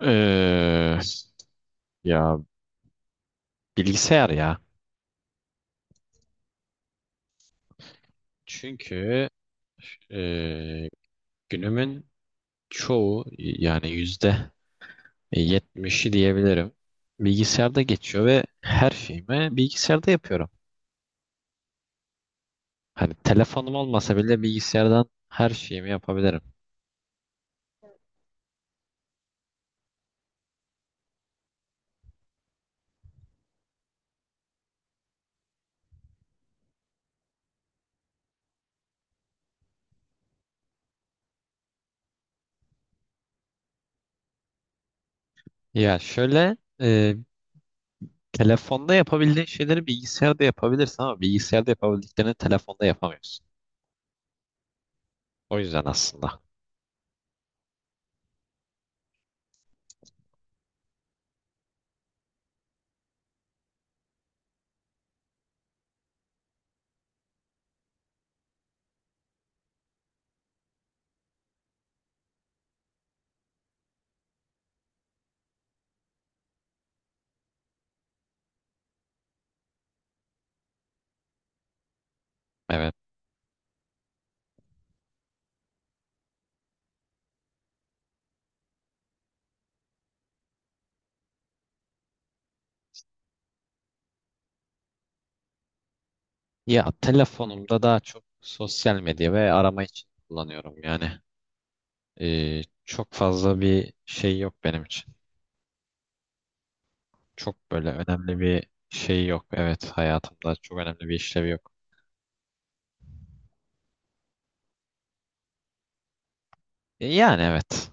Ee, ya bilgisayar ya. Çünkü e, günümün çoğu, yani yüzde yetmişi diyebilirim, bilgisayarda geçiyor ve her şeyimi bilgisayarda yapıyorum. Hani telefonum olmasa bile bilgisayardan her şeyimi yapabilirim. Ya şöyle, telefonda yapabildiğin şeyleri bilgisayarda yapabilirsin ama bilgisayarda yapabildiklerini telefonda yapamıyorsun. O yüzden aslında. Evet. Ya telefonumda daha çok sosyal medya ve arama için kullanıyorum yani. Çok fazla bir şey yok benim için. Çok böyle önemli bir şey yok. Evet, hayatımda çok önemli bir işlevi yok. Yani evet.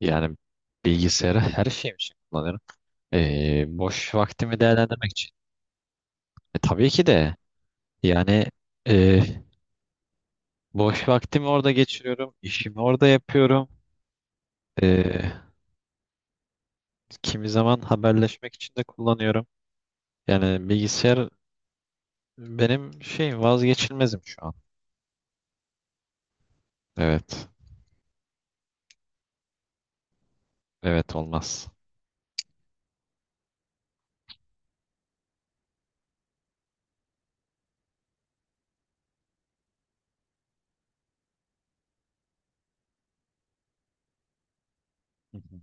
Yani bilgisayarı her şeyim için kullanıyorum. Boş vaktimi değerlendirmek için. Tabii ki de, yani e, boş vaktimi orada geçiriyorum. İşimi orada yapıyorum. E, Kimi zaman haberleşmek için de kullanıyorum. Yani bilgisayar benim şey vazgeçilmezim şu an. Evet. Evet, olmaz. Hı hı.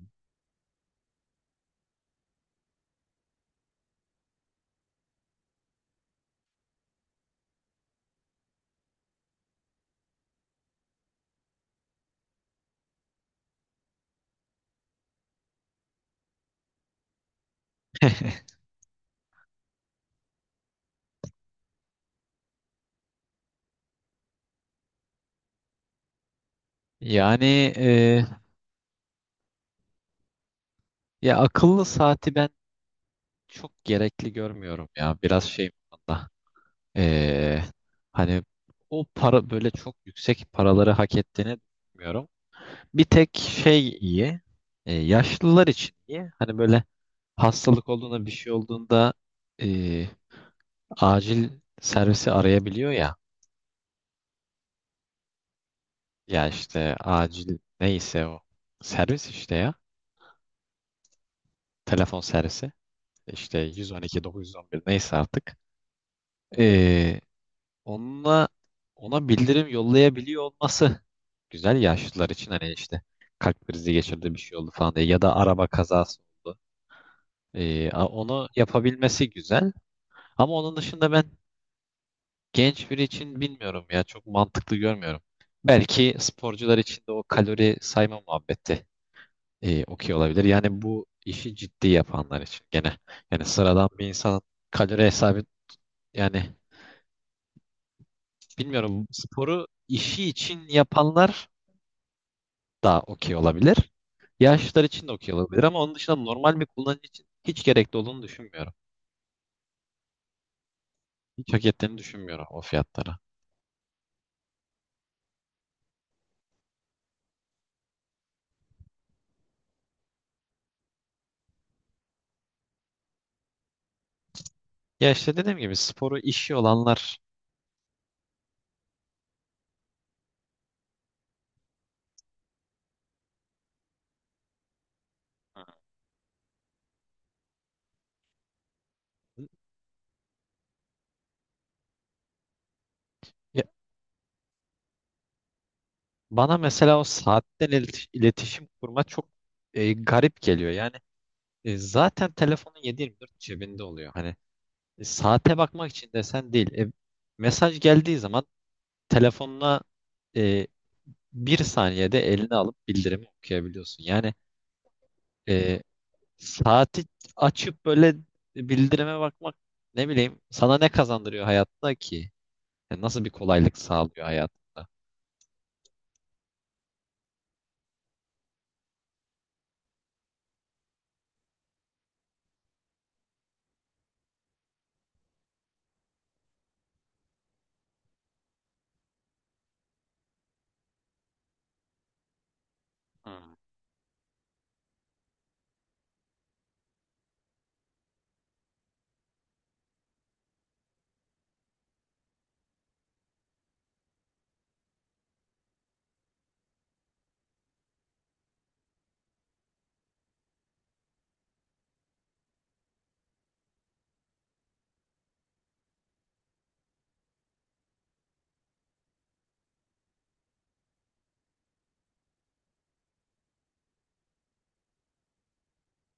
Yani e, ya akıllı saati ben çok gerekli görmüyorum ya. Biraz şey bu konuda. E, Hani o para, böyle çok yüksek paraları hak ettiğini düşünmüyorum. Bir tek şey iyi. Yaşlılar için iyi. Hani böyle, hastalık olduğunda, bir şey olduğunda, e, acil servisi arayabiliyor ya. Ya işte acil, neyse o servis işte ya. Telefon servisi. İşte 112 911 neyse artık. E, onunla ona bildirim yollayabiliyor olması güzel yaşlılar için. Hani işte kalp krizi geçirdi, bir şey oldu falan diye, ya da araba kazası oldu. Onu yapabilmesi güzel. Ama onun dışında ben, genç biri için bilmiyorum ya, çok mantıklı görmüyorum. Belki sporcular için de o kalori sayma muhabbeti okey olabilir. Yani bu işi ciddi yapanlar için gene. Yani sıradan bir insan kalori hesabı, yani bilmiyorum, sporu işi için yapanlar da okey olabilir. Yaşlılar için de okey olabilir ama onun dışında normal bir kullanıcı için hiç gerekli olduğunu düşünmüyorum. Hiç hak ettiğini düşünmüyorum o fiyatlara. Ya işte dediğim gibi sporu işi olanlar. Hı. Bana mesela o saatten iletişim kurma çok garip geliyor. Yani zaten telefonun 7 dört cebinde oluyor. Hani saate bakmak için desen değil. Mesaj geldiği zaman telefonuna e, bir saniyede eline alıp bildirimi okuyabiliyorsun. Yani e, saati açıp böyle bildirime bakmak, ne bileyim, sana ne kazandırıyor hayatta ki? Yani nasıl bir kolaylık sağlıyor hayatında? Hmm.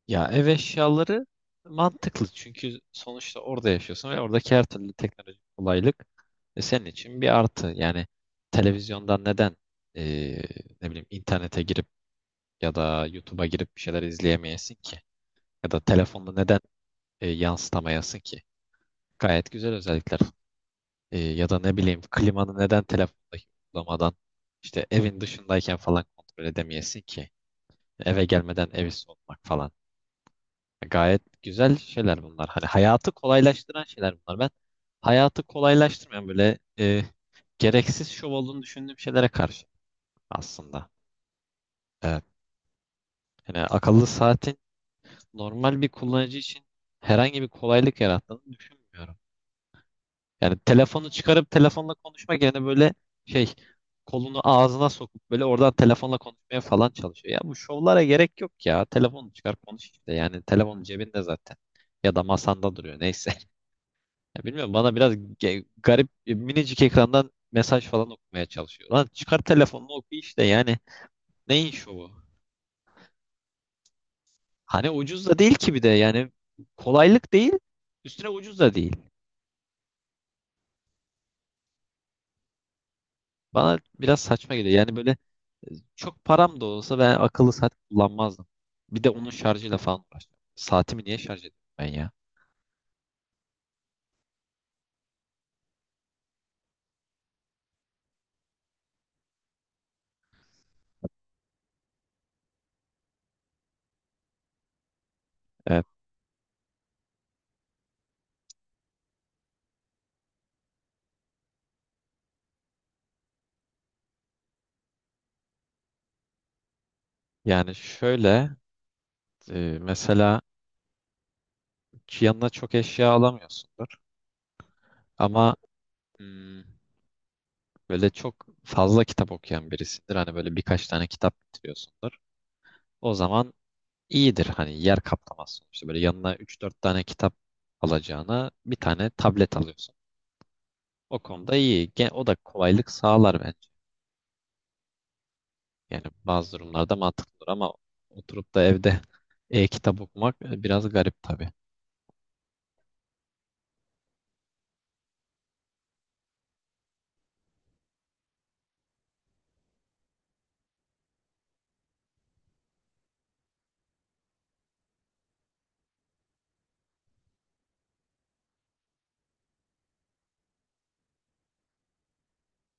Ya ev eşyaları mantıklı çünkü sonuçta orada yaşıyorsun ve oradaki her türlü teknolojik kolaylık senin için bir artı. Yani televizyondan neden e, ne bileyim internete girip ya da YouTube'a girip bir şeyler izleyemeyesin ki? Ya da telefonda neden yansıtamayasın ki? Gayet güzel özellikler. Ya da ne bileyim, klimanı neden telefondaki uygulamadan işte evin dışındayken falan kontrol edemeyesin ki? Eve gelmeden evi soğutmak falan. Gayet güzel şeyler bunlar. Hani hayatı kolaylaştıran şeyler bunlar. Ben hayatı kolaylaştırmayan böyle gereksiz şov olduğunu düşündüğüm şeylere karşı aslında. Evet. Yani akıllı saatin normal bir kullanıcı için herhangi bir kolaylık yarattığını düşünmüyorum. Yani telefonu çıkarıp telefonla konuşmak yerine böyle şey, kolunu ağzına sokup böyle oradan telefonla konuşmaya falan çalışıyor. Ya bu şovlara gerek yok ya. Telefonu çıkar konuş işte. Yani telefonun cebinde zaten. Ya da masanda duruyor neyse. Ya bilmiyorum, bana biraz garip, minicik ekrandan mesaj falan okumaya çalışıyor. Lan çıkar telefonunu oku işte yani. Neyin şovu? Hani ucuz da değil ki bir de, yani kolaylık değil, üstüne ucuz da değil. Bana biraz saçma geliyor. Yani böyle, çok param da olsa ben akıllı saat kullanmazdım. Bir de onun şarjıyla falan uğraştım. Saatimi niye şarj edeyim ben ya? Evet. Yani şöyle, mesela yanına çok eşya alamıyorsundur ama hmm, böyle çok fazla kitap okuyan birisindir. Hani böyle birkaç tane kitap bitiriyorsundur. O zaman iyidir, hani yer kaplamaz sonuçta. Böyle yanına üç dört tane kitap alacağına bir tane tablet alıyorsun. O konuda iyi. O da kolaylık sağlar bence. Yani bazı durumlarda mantıklıdır ama oturup da evde e-kitap okumak biraz garip tabii.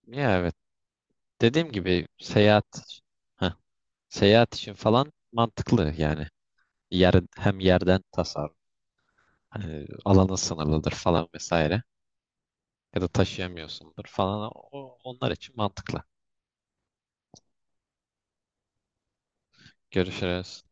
Ya evet. Dediğim gibi seyahat, heh, seyahat için falan mantıklı yani. Yer, hem yerden tasarruf. Hani alanın sınırlıdır falan vesaire. Ya da taşıyamıyorsundur falan. O, onlar için mantıklı. Görüşürüz.